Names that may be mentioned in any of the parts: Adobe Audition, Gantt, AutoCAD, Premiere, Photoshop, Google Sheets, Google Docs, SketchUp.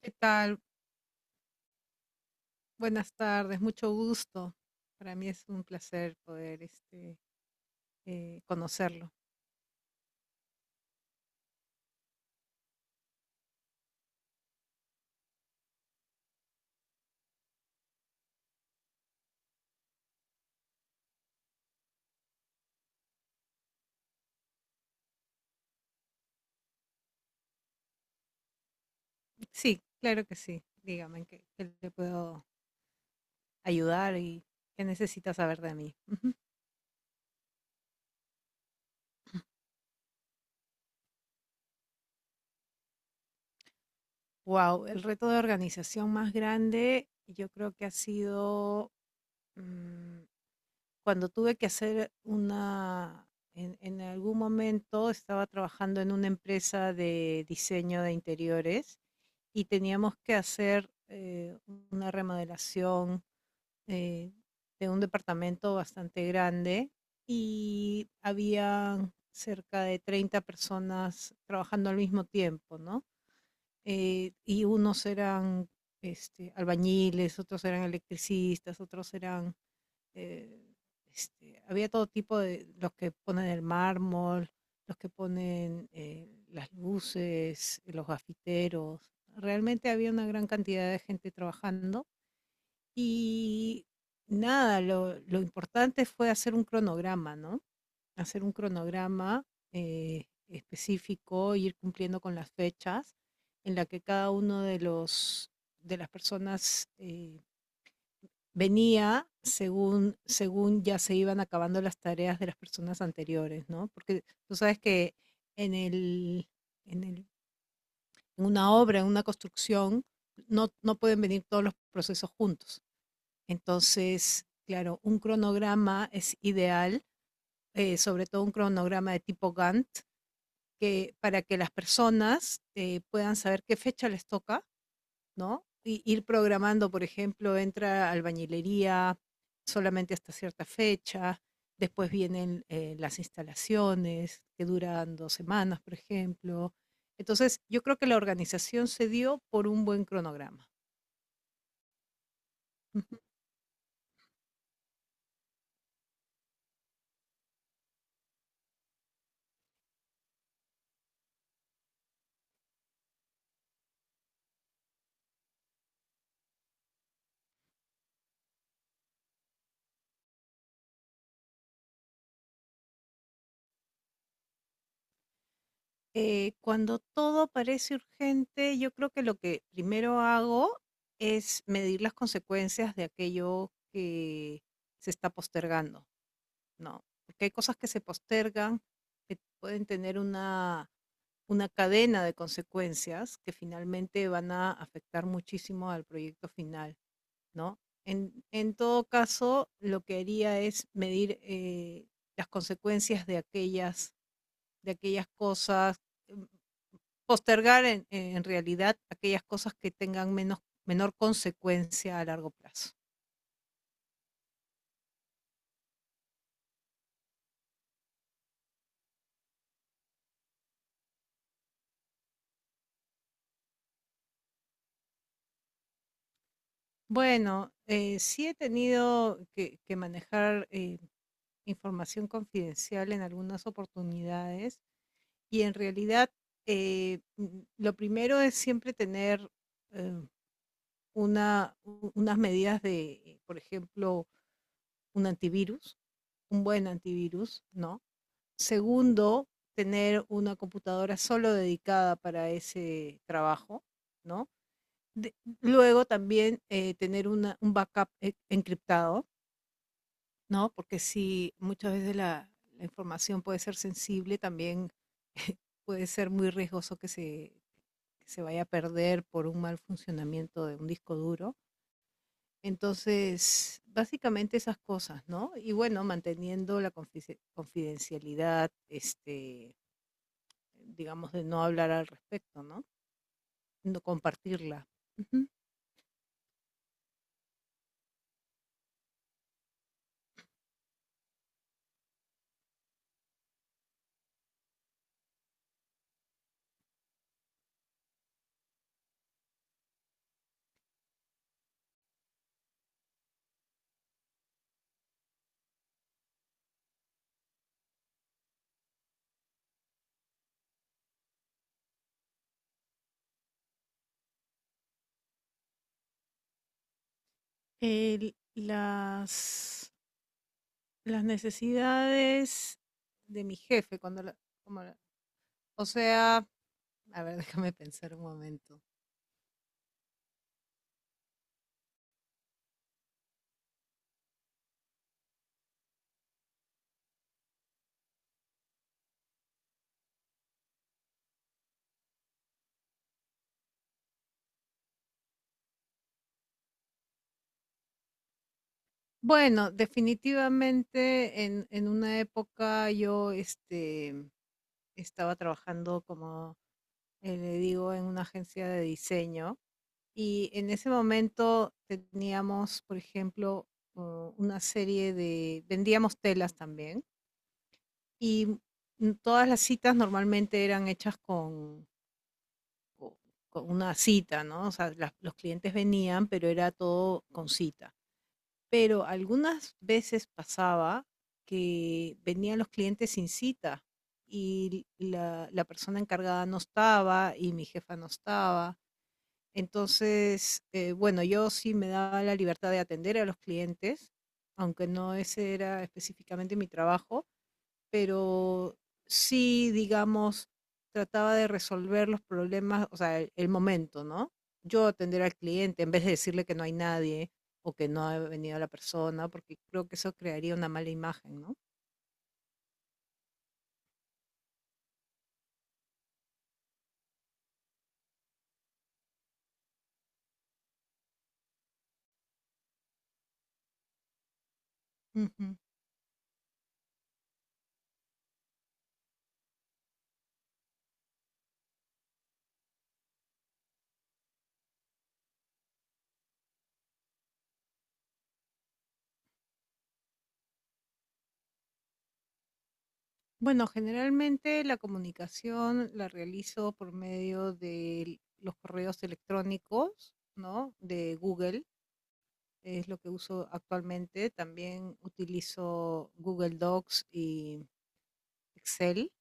¿Qué tal? Buenas tardes, mucho gusto. Para mí es un placer poder conocerlo. Sí, claro que sí. Dígame en qué le puedo ayudar y qué necesita saber de mí. Wow, el reto de organización más grande yo creo que ha sido, mm, cuando tuve que hacer una, en algún momento estaba trabajando en una empresa de diseño de interiores y teníamos que hacer una remodelación, eh, de un departamento bastante grande, y había cerca de 30 personas trabajando al mismo tiempo, ¿no? Y unos eran, este, albañiles, otros eran electricistas, otros eran, eh, había todo tipo de, los que ponen el mármol, los que ponen, las luces, los gafiteros. Realmente había una gran cantidad de gente trabajando y nada, lo importante fue hacer un cronograma, ¿no? Hacer un cronograma específico, ir cumpliendo con las fechas en la que cada uno de los, de las personas, venía según, según ya se iban acabando las tareas de las personas anteriores, ¿no? Porque tú sabes que en, el, en, el, en una obra, en una construcción, no pueden venir todos los procesos juntos. Entonces, claro, un cronograma es ideal, sobre todo un cronograma de tipo Gantt, que, para que las personas puedan saber qué fecha les toca, ¿no? Y ir programando, por ejemplo, entra albañilería solamente hasta cierta fecha, después vienen, las instalaciones que duran 2 semanas, por ejemplo. Entonces, yo creo que la organización se dio por un buen cronograma. Cuando todo parece urgente, yo creo que lo que primero hago es medir las consecuencias de aquello que se está postergando. No, porque hay cosas que se postergan, que pueden tener una cadena de consecuencias que finalmente van a afectar muchísimo al proyecto final, ¿no? En todo caso, lo que haría es medir, las consecuencias de aquellas cosas, mm, postergar en realidad aquellas cosas que tengan menos, menor consecuencia a largo plazo. Bueno, sí he tenido que manejar, información confidencial en algunas oportunidades, y en realidad, lo primero es siempre tener, eh, una, unas medidas de, por ejemplo, un antivirus, un buen antivirus, ¿no? Segundo, tener una computadora solo dedicada para ese trabajo, ¿no? De- Luego también, tener un backup encriptado, ¿no? Porque si muchas veces la información puede ser sensible, también puede ser muy riesgoso que se vaya a perder por un mal funcionamiento de un disco duro. Entonces, básicamente esas cosas, ¿no? Y bueno, manteniendo la confidencialidad, este, digamos, de no hablar al respecto, ¿no? No compartirla. Ujú. El- las, las necesidades de mi jefe, cuando la- como la- o sea, a ver, déjame pensar un momento. Bueno, definitivamente en una época yo, este, estaba trabajando, como, le digo, en una agencia de diseño, y en ese momento teníamos, por ejemplo, una serie de, vendíamos telas también y, todas las citas normalmente eran hechas co- con una cita, ¿no? O sea, los clientes venían, pero era todo con cita. Pero algunas veces pasaba que venían los clientes sin cita, y la persona encargada no estaba y mi jefa no estaba. Entonces, bueno, yo sí me daba la libertad de atender a los clientes, aunque no ese era específicamente mi trabajo, pero sí, digamos, trataba de resolver los problemas, o sea, el momento, ¿no? Yo atender al cliente en vez de decirle que no hay nadie o que no ha venido la persona, porque creo que eso crearía una mala imagen, ¿no? Ujú. Bueno, generalmente la comunicación la realizo por medio de los correos electrónicos, ¿no? De Google, es lo que uso actualmente. También utilizo Google Docs y Excel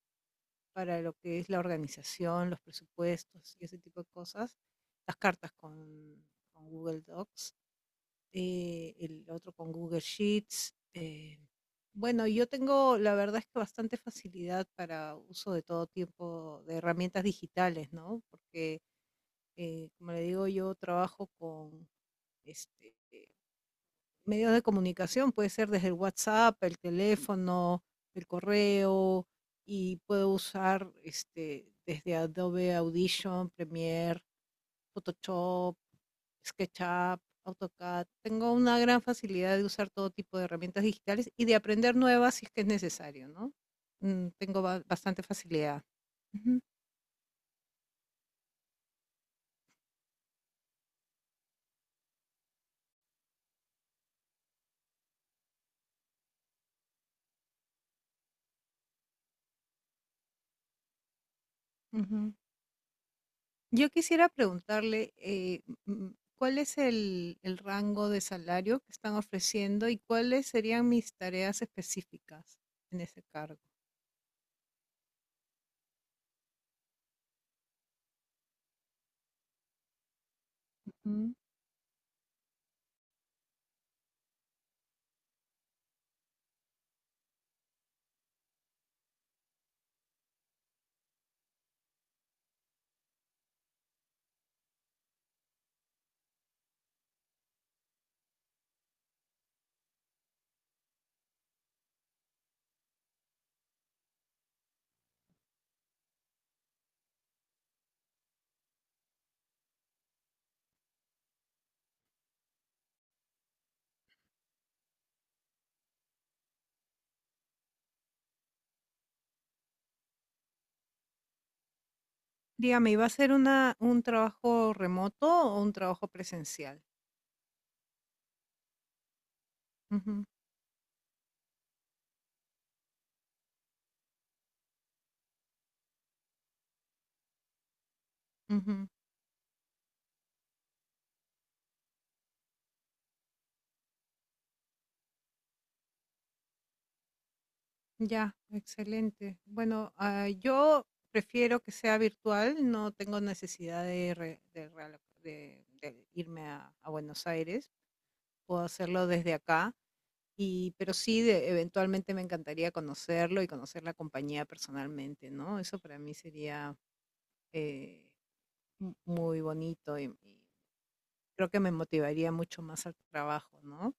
para lo que es la organización, los presupuestos y ese tipo de cosas, las con Google Docs, el otro con Google Sheets. Bueno, yo tengo, la verdad es que bastante facilidad para uso de todo tipo de herramientas digitales, ¿no? Porque, como le digo, yo trabajo con, este, medios de comunicación, puede ser desde el WhatsApp, el teléfono, el correo, y puedo usar, este, desde Adobe Audition, Premiere, Photoshop, SketchUp, AutoCAD. Tengo una gran facilidad de usar todo tipo de herramientas digitales y de aprender nuevas si es que es necesario, ¿no? Tengo bastante facilidad. Ujú. Ujú. Yo quisiera preguntarle, ¿cuál es el rango de salario que están ofreciendo y cuáles serían mis tareas específicas en ese cargo? Mm. Dígame, ¿iba a ser una, un trabajo remoto o un trabajo presencial? Ujú, ujú. Ya, excelente. Bueno, ah, yo prefiero que sea virtual, no tengo necesidad de, re- de realo- de irme a Buenos Aires, puedo hacerlo desde acá. Y, pero sí, de eventualmente me encantaría conocerlo y conocer la compañía personalmente, ¿no? Eso para mí sería, eh, muy bonito y creo que me motivaría mucho más al trabajo, ¿no?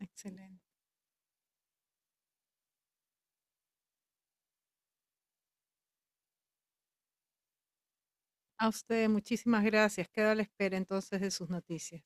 Excelente. A usted, muchísimas gracias. Quedo a la espera entonces de sus noticias.